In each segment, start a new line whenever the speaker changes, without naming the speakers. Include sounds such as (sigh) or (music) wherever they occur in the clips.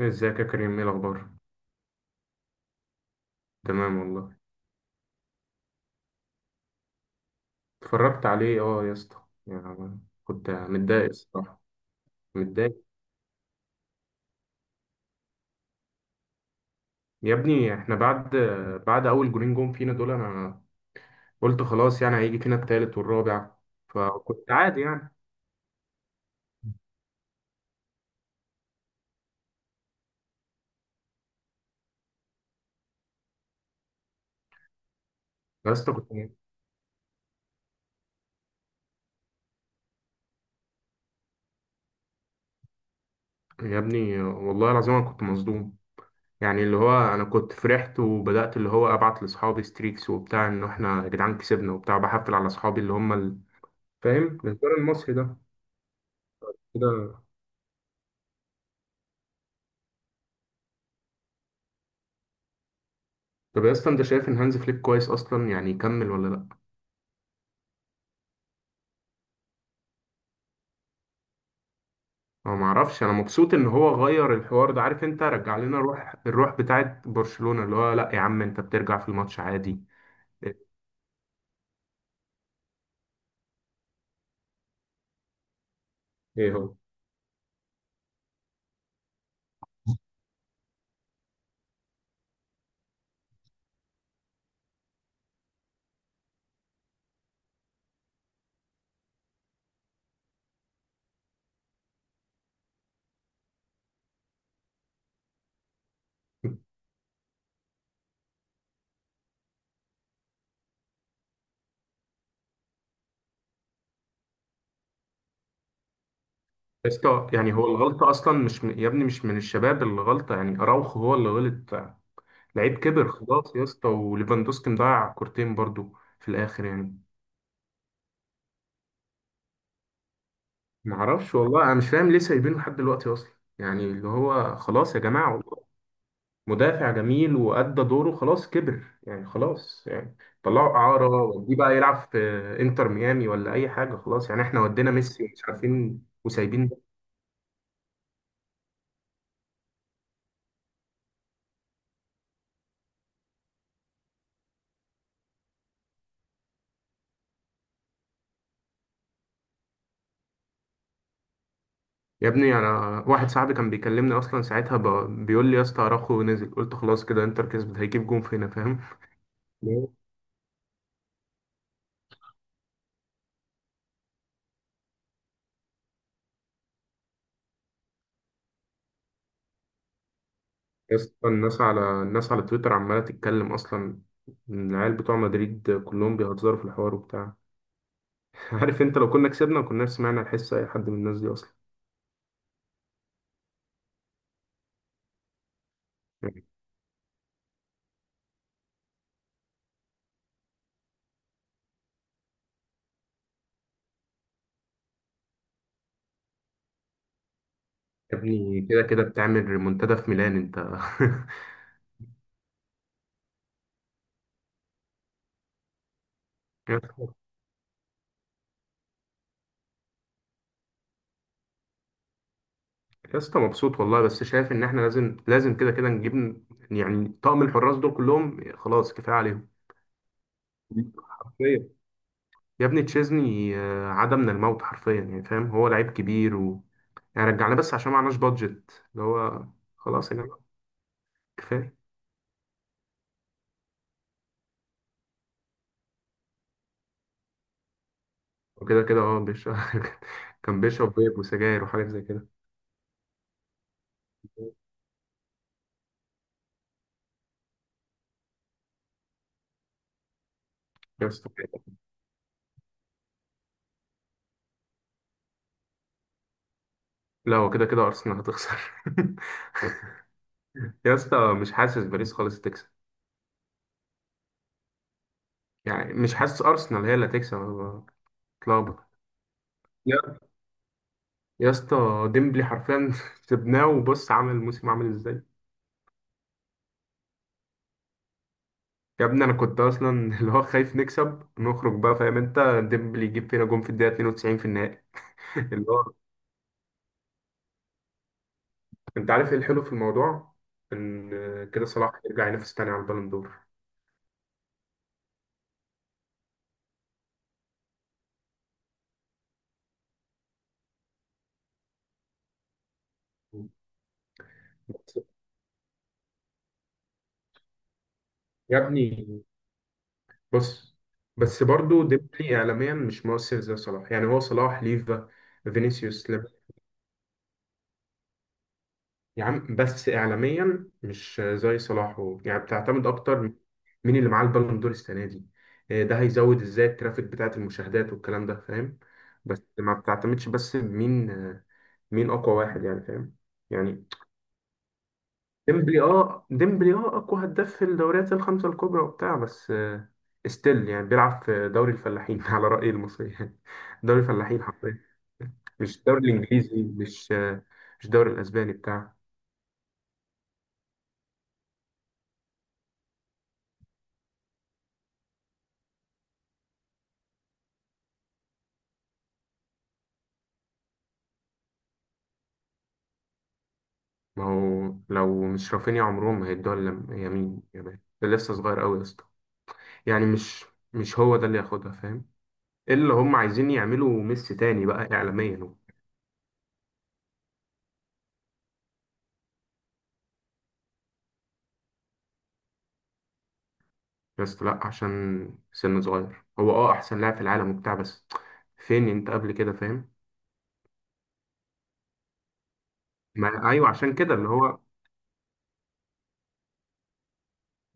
ازيك يا كريم؟ ايه الاخبار؟ تمام والله. اتفرجت عليه اه يا اسطى، يعني كنت متضايق الصراحه. متضايق. يا ابني احنا بعد اول جولين جون فينا دول انا قلت خلاص، يعني هيجي فينا التالت والرابع، فكنت عادي يعني. يا اسطى كنت، يا ابني والله العظيم انا كنت مصدوم، يعني اللي هو انا كنت فرحت وبدات اللي هو ابعت لاصحابي ستريكس وبتاع ان احنا يا جدعان كسبنا وبتاع بحفل على اصحابي اللي هم فاهم الانسان المصري ده كده. طب يا اسطى، انت شايف ان هانز فليك كويس اصلا يعني يكمل ولا لا؟ انا ما اعرفش، انا مبسوط ان هو غير الحوار ده، عارف انت، رجع لنا روح الروح بتاعت برشلونة، اللي هو لا يا عم انت بترجع في الماتش عادي. ايه هو؟ يا اسطى يعني هو الغلطة أصلا مش يا ابني مش من الشباب اللي غلطة، يعني أراوخو هو اللي غلط. لعيب كبر خلاص يا اسطى، وليفاندوسكي مضيع كورتين برضو في الآخر يعني. معرفش والله، أنا مش فاهم ليه سايبينه لحد دلوقتي أصلا. يعني اللي هو خلاص يا جماعة، مدافع جميل وأدى دوره خلاص، كبر يعني خلاص يعني، طلعوا إعارة، ودي بقى يلعب في إنتر ميامي ولا أي حاجة، خلاص يعني، إحنا ودينا ميسي ومش عارفين وسايبين ده. يا ابني أنا، واحد صاحبي كان بيكلمني أصلا ساعتها بيقول لي يا اسطى أراخو نزل، قلت خلاص كده إنتر كسبت، هيجيب جون فينا. فاهم؟ يا اسطى الناس على تويتر عمالة تتكلم أصلا، العيال بتوع مدريد كلهم بيهزروا في الحوار وبتاع. (laughs) عارف أنت، لو كنا كسبنا ما كناش سمعنا الحس أي حد من الناس دي أصلا. يا ابني كده كده بتعمل ريمونتادا في ميلان انت. (laughs) يا اسطى مبسوط والله، بس شايف ان احنا لازم لازم كده كده نجيب، يعني طقم الحراس دول كلهم خلاص كفايه عليهم. حرفيا يا ابني تشيزني آه، عاد من الموت حرفيا يعني. فاهم؟ هو لعيب كبير و، يعني رجعنا بس عشان معناش بادجت، اللي هو خلاص يا جماعه كفايه. وكده كده اه بيشرب. (laughs) كان بيشرب بيب وسجاير وحاجات زي كده. يا اسطى لا هو كده كده ارسنال هتخسر. (laughs) يا اسطى مش حاسس باريس خالص تكسب، يعني مش حاسس أرسنال هي اللي هتكسب، أنا بتلخبط. يا يا اسطى ديمبلي حرفيا، (laughs) سيبناه وبص عامل الموسم عامل ازاي. يا ابني انا كنت اصلا (laughs) اللي هو خايف نكسب نخرج بقى، فاهم انت، ديمبلي يجيب فينا جون في الدقيقة 92 في النهائي. (laughs) اللي هو، انت عارف ايه الحلو في الموضوع؟ ان كده صلاح يرجع ينافس تاني على البالون دور. بس- يا ابني بص، بس برضو ديمبلي اعلاميا مش مؤثر زي صلاح، يعني هو صلاح ليفا فينيسيوس. يا عم بس اعلاميا مش زي صلاح يعني بتعتمد اكتر مين اللي معاه البالون دور السنه دي. إيه ده؟ هيزود ازاي الترافيك بتاعت المشاهدات والكلام ده. فاهم؟ بس ما بتعتمدش بس مين آه، مين اقوى واحد يعني، فاهم؟ يعني ديمبلي اه، ديمبلي اه اقوى هداف في الدوريات الخمسه الكبرى وبتاع، بس آه، ستيل يعني بيلعب في دوري الفلاحين، (laughs) على رأي المصريين، (laughs) دوري الفلاحين حرفيا، مش الدوري الانجليزي، مش آه، مش الدوري الاسباني بتاع. ما هو لو مش رافينيا عمرهم ما هيدوها يمين يامال، ده لسه صغير قوي يا اسطى، يعني مش هو ده اللي ياخدها. فاهم؟ اللي هم عايزين يعملوا ميسي تاني بقى اعلاميا هو. يا اسطى لا عشان سن صغير، هو اه احسن لاعب في العالم وبتاع، بس فين انت قبل كده؟ فاهم؟ ما ايوه عشان كده اللي هو،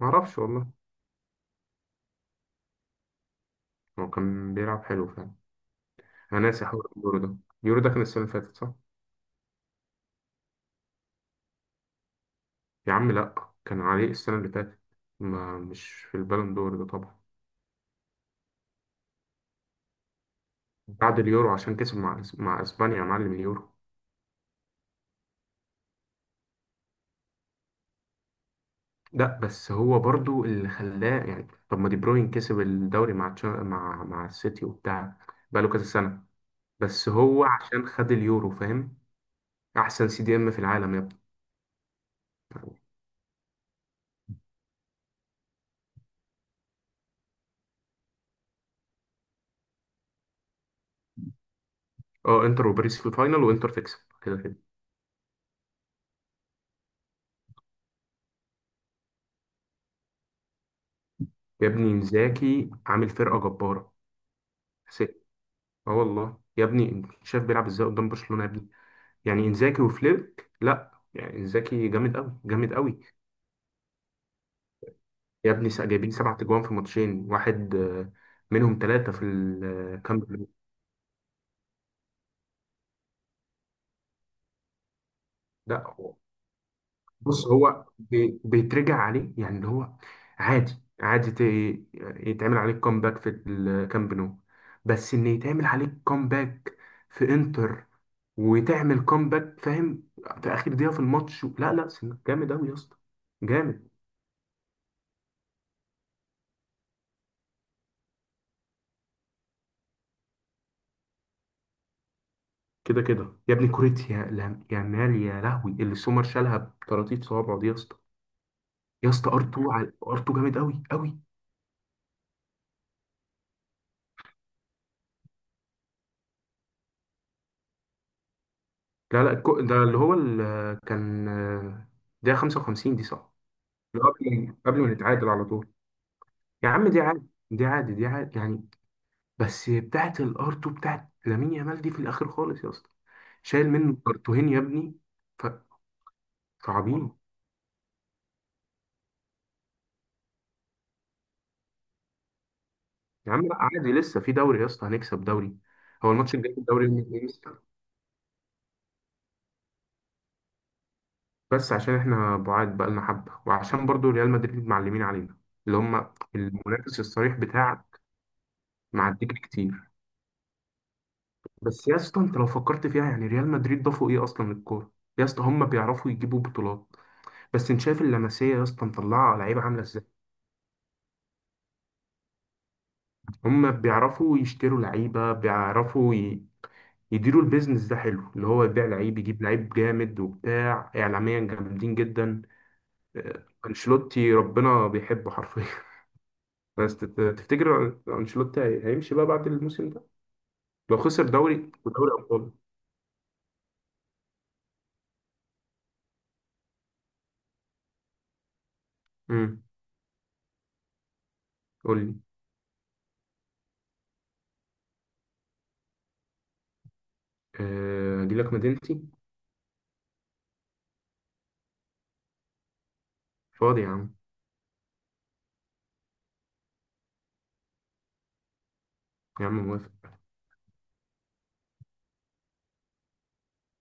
ما اعرفش والله. هو كان بيلعب حلو فعلا. انا ناسي حوار اليورو ده. اليورو ده كان السنه اللي فاتت، صح؟ يا عم لا، كان عليه السنه اللي فاتت، ما مش في البالون دور ده طبعا. بعد اليورو عشان كسب مع اسبانيا يا معلم اليورو. لا بس هو برضو اللي خلاه، يعني طب ما دي بروين كسب الدوري مع مع السيتي وبتاع بقاله كذا سنة، بس هو عشان خد اليورو. فاهم؟ احسن سي دي ام في العالم يا ابني. اه انتر وباريس في الفاينل، وانتر تكسب كده كده. يا ابني انزاكي عامل فرقة جبارة. سي- اه والله يا ابني، انت شايف بيلعب ازاي قدام برشلونة يا ابني، يعني انزاكي وفليك لا، يعني انزاكي جامد قوي جامد قوي. يا ابني جايبين سبع تجوان في ماتشين واحد آه، منهم ثلاثة في الكامب نو. لا هو- بص هو بيترجع عليه يعني اللي هو عادي، عادي يتعمل عليك كومباك في الكامب نو، بس ان يتعمل عليك كومباك في انتر وتعمل كومباك، فاهم، في اخر دقيقة في الماتش. لا لا جامد قوي يا اسطى جامد. كده كده يا ابني كوريتيا، يا مال يا لهوي اللي سومر شالها بطراطيف صوابعه دي يا اسطى. يا اسطى ار 2 ار 2 جامد قوي قوي. لا لا ده اللي هو كان آه، ده 55 دي، صح؟ اللي هو قبل ما نتعادل على طول. يا عم دي عادي دي عادي دي عادي يعني، بس بتاعت الار 2 بتاعت لامين يامال دي في الاخر خالص يا اسطى، شايل منه كرتوهين يا ابني. ف- صعبين. يا عم لا عادي، لسه في دوري يا اسطى، هنكسب دوري. هو الماتش الجاي في الدوري يوم الخميس، بس عشان احنا بعاد بقالنا حبه، وعشان برضو ريال مدريد معلمين علينا، اللي هم المنافس الصريح بتاع، معديك كتير. بس يا اسطى انت لو فكرت فيها، يعني ريال مدريد ضافوا ايه اصلا للكوره؟ يا اسطى هم بيعرفوا يجيبوا بطولات، بس انت شايف اللمسيه يا اسطى مطلعه لعيبه عامله ازاي، هم بيعرفوا يشتروا لعيبه، بيعرفوا ي... يديروا البيزنس ده حلو، اللي هو يبيع لعيب يجيب لعيب جامد وبتاع، اعلاميا جامدين جدا. آه، انشيلوتي ربنا بيحبه حرفيا. (laughs) بس تفتكر انشيلوتي هيمشي بقى بعد الموسم ده لو خسر دوري ودوري ابطال؟ امم، قول لي. آه، اجي لك مدينتي. فاضي يا عم. يا عم موافق.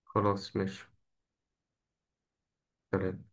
خلاص ماشي. سلام.